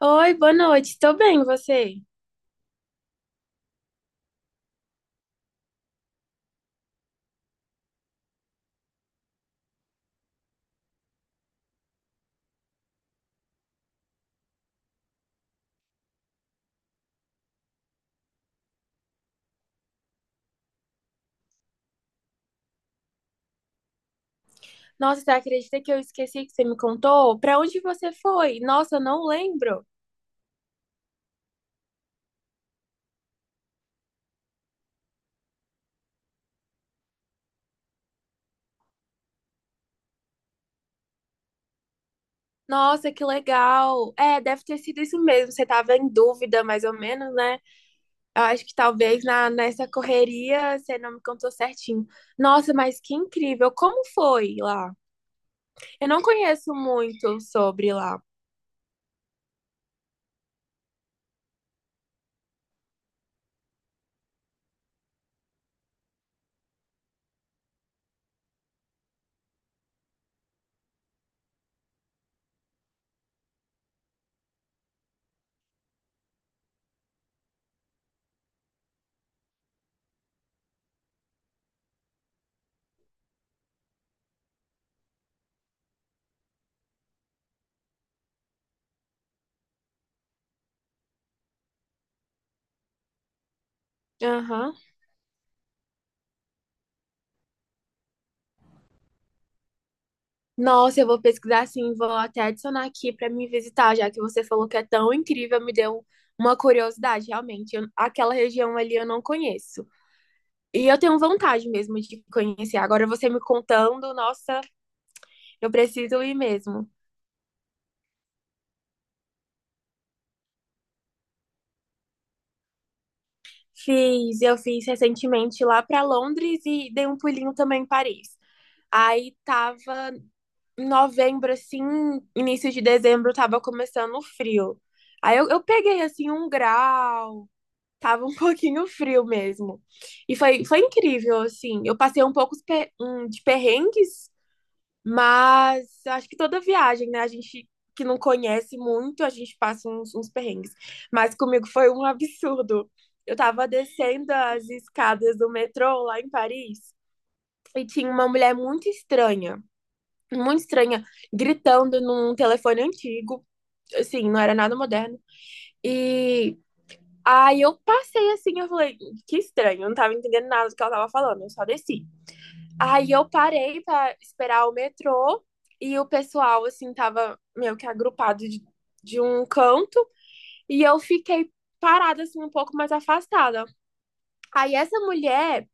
Oi, boa noite. Tô bem, e você? Nossa, você acredita que eu esqueci que você me contou? Pra onde você foi? Nossa, eu não lembro. Nossa, que legal. É, deve ter sido isso mesmo. Você tava em dúvida, mais ou menos, né? Eu acho que talvez nessa correria você não me contou certinho. Nossa, mas que incrível. Como foi lá? Eu não conheço muito sobre lá. Aham. Nossa, eu vou pesquisar sim, vou até adicionar aqui para me visitar, já que você falou que é tão incrível, me deu uma curiosidade, realmente. Eu- aquela região ali eu não conheço. E eu tenho vontade mesmo de conhecer. Agora você me contando, nossa, eu preciso ir mesmo. Fiz, eu fiz recentemente lá para Londres e dei um pulinho também em Paris. Aí tava em novembro, assim, início de dezembro, tava começando o frio. Aí eu peguei assim um grau. Tava um pouquinho frio mesmo. E foi, foi incrível, assim. Eu passei um pouco os de perrengues, mas acho que toda viagem, né? A gente que não conhece muito, a gente passa uns perrengues. Mas comigo foi um absurdo. Eu tava descendo as escadas do metrô lá em Paris e tinha uma mulher muito estranha, gritando num telefone antigo. Assim, não era nada moderno. E Aí eu passei assim, eu falei, que estranho, eu não tava entendendo nada do que ela tava falando, eu só desci. Aí eu parei pra esperar o metrô e o pessoal, assim, tava meio que agrupado de um canto e eu fiquei parada, assim, um pouco mais afastada. Aí essa mulher,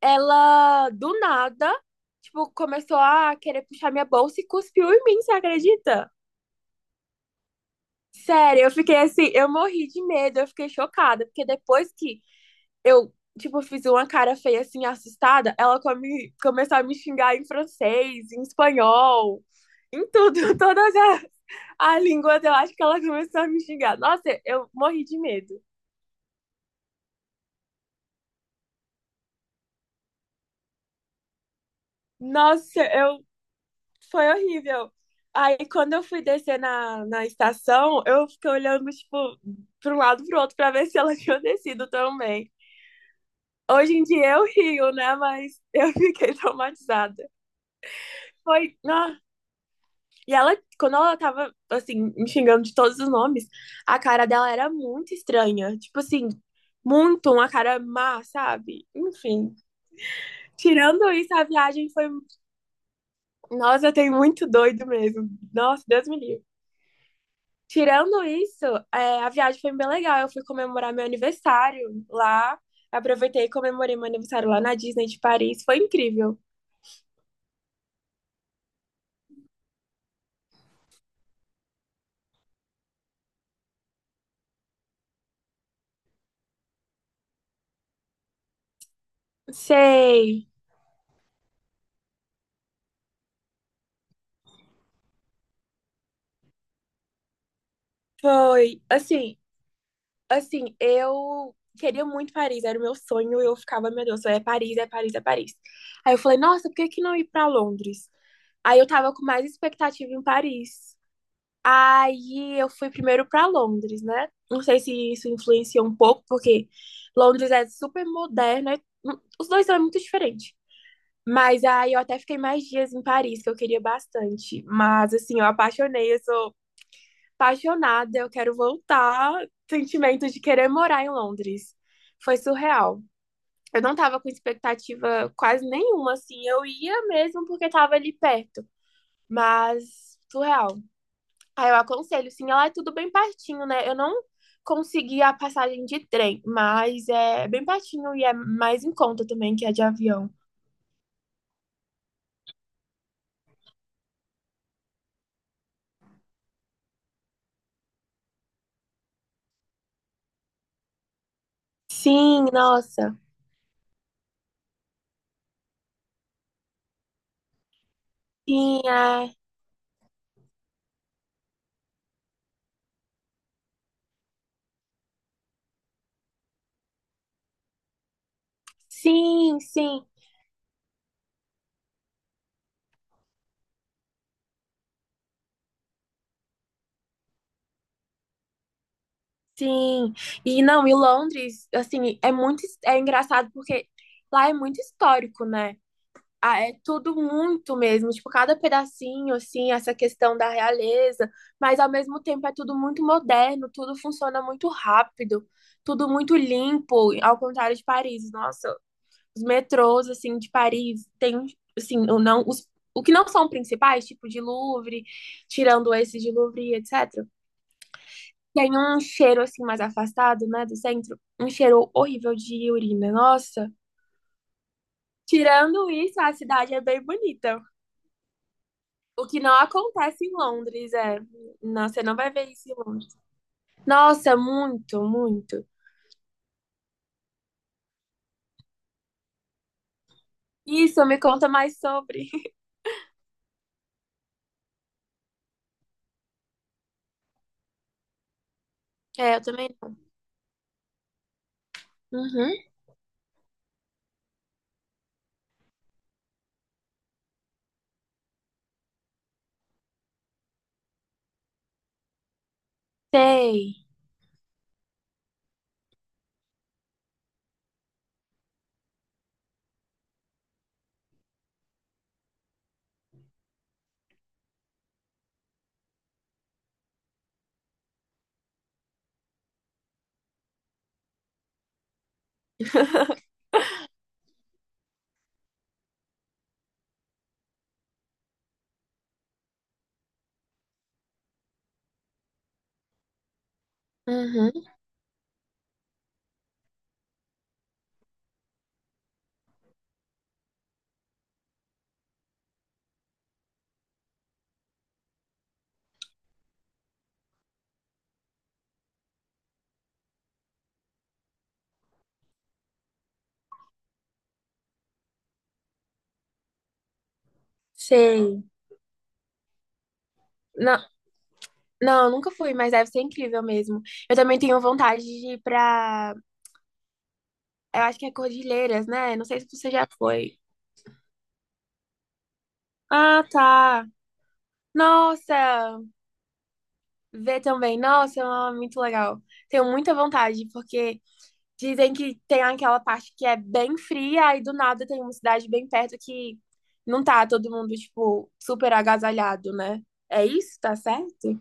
ela do nada, tipo, começou a querer puxar minha bolsa e cuspiu em mim, você acredita? Sério, eu fiquei assim, eu morri de medo, eu fiquei chocada, porque depois que eu, tipo, fiz uma cara feia, assim, assustada, ela começou a me xingar em francês, em espanhol, em tudo, as línguas, eu acho que ela começou a me xingar. Nossa, eu morri de medo. Nossa, eu, foi horrível. Aí, quando eu fui descer na estação, eu fiquei olhando, tipo, para um lado e pro outro para ver se ela tinha descido também. Hoje em dia eu rio, né? Mas eu fiquei traumatizada. Foi, ah, e ela, quando ela tava, assim, me xingando de todos os nomes, a cara dela era muito estranha. Tipo assim, muito uma cara má, sabe? Enfim. Tirando isso, a viagem foi. Nossa, tem muito doido mesmo. Nossa, Deus me livre. Tirando isso, é, a viagem foi bem legal. Eu fui comemorar meu aniversário lá. Aproveitei e comemorei meu aniversário lá na Disney de Paris. Foi incrível. Sei. Foi. Assim, eu queria muito Paris, era o meu sonho, eu ficava, meu Deus, é Paris, é Paris, é Paris. Aí eu falei, nossa, por que que não ir para Londres? Aí eu tava com mais expectativa em Paris. Aí eu fui primeiro para Londres, né? Não sei se isso influencia um pouco, porque Londres é super moderna, e os dois são muito diferentes. Mas aí eu até fiquei mais dias em Paris, que eu queria bastante. Mas assim, eu apaixonei, eu sou apaixonada, eu quero voltar. Sentimento de querer morar em Londres. Foi surreal. Eu não tava com expectativa quase nenhuma, assim. Eu ia mesmo porque tava ali perto. Mas, surreal. Aí eu aconselho, sim, ela é tudo bem pertinho, né? Eu não consegui a passagem de trem, mas é bem pertinho e é mais em conta também que a de avião. Sim, nossa. Sim, é. Sim, sim. Sim, e não, e Londres, assim, é muito, é engraçado porque lá é muito histórico, né? Ah, é tudo muito mesmo, tipo, cada pedacinho, assim, essa questão da realeza, mas ao mesmo tempo é tudo muito moderno, tudo funciona muito rápido, tudo muito limpo, ao contrário de Paris. Nossa, os metrôs, assim, de Paris tem, assim, o que não são principais, tipo de Louvre, tirando esses de Louvre, etc. Tem um cheiro assim mais afastado, né, do centro, um cheiro horrível de urina. Nossa, tirando isso, a cidade é bem bonita. O que não acontece em Londres, é. Não, você não vai ver isso em Londres. Nossa, muito, muito. Isso, me conta mais sobre. É, eu também não. Uhum. Sei. Uhum, sei. Não, não, eu nunca fui, mas deve ser incrível mesmo. Eu também tenho vontade de ir pra. Eu acho que é Cordilheiras, né? Não sei se você já foi. Ah, tá. Nossa, ver também. Nossa, é muito legal. Tenho muita vontade, porque dizem que tem aquela parte que é bem fria, aí do nada tem uma cidade bem perto que não tá todo mundo, tipo, super agasalhado, né? É isso? Tá certo?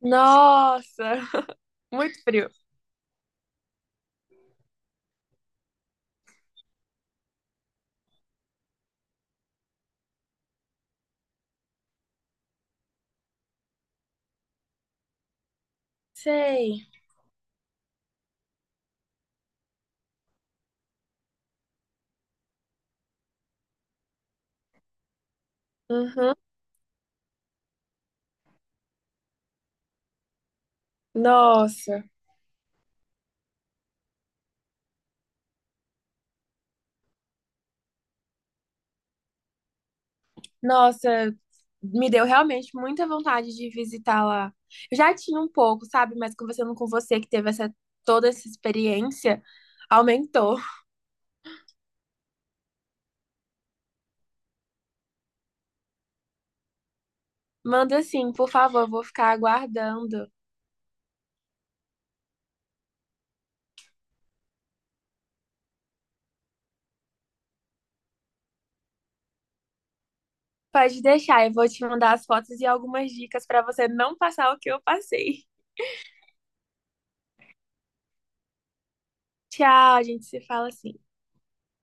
Nossa, muito frio. Sei. Uhum. Nossa, nossa, me deu realmente muita vontade de visitar lá. Eu já tinha um pouco, sabe? Mas conversando com você que teve essa toda essa experiência, aumentou. Manda sim, por favor, vou ficar aguardando. Pode deixar, eu vou te mandar as fotos e algumas dicas para você não passar o que eu passei. Tchau, a gente se fala assim.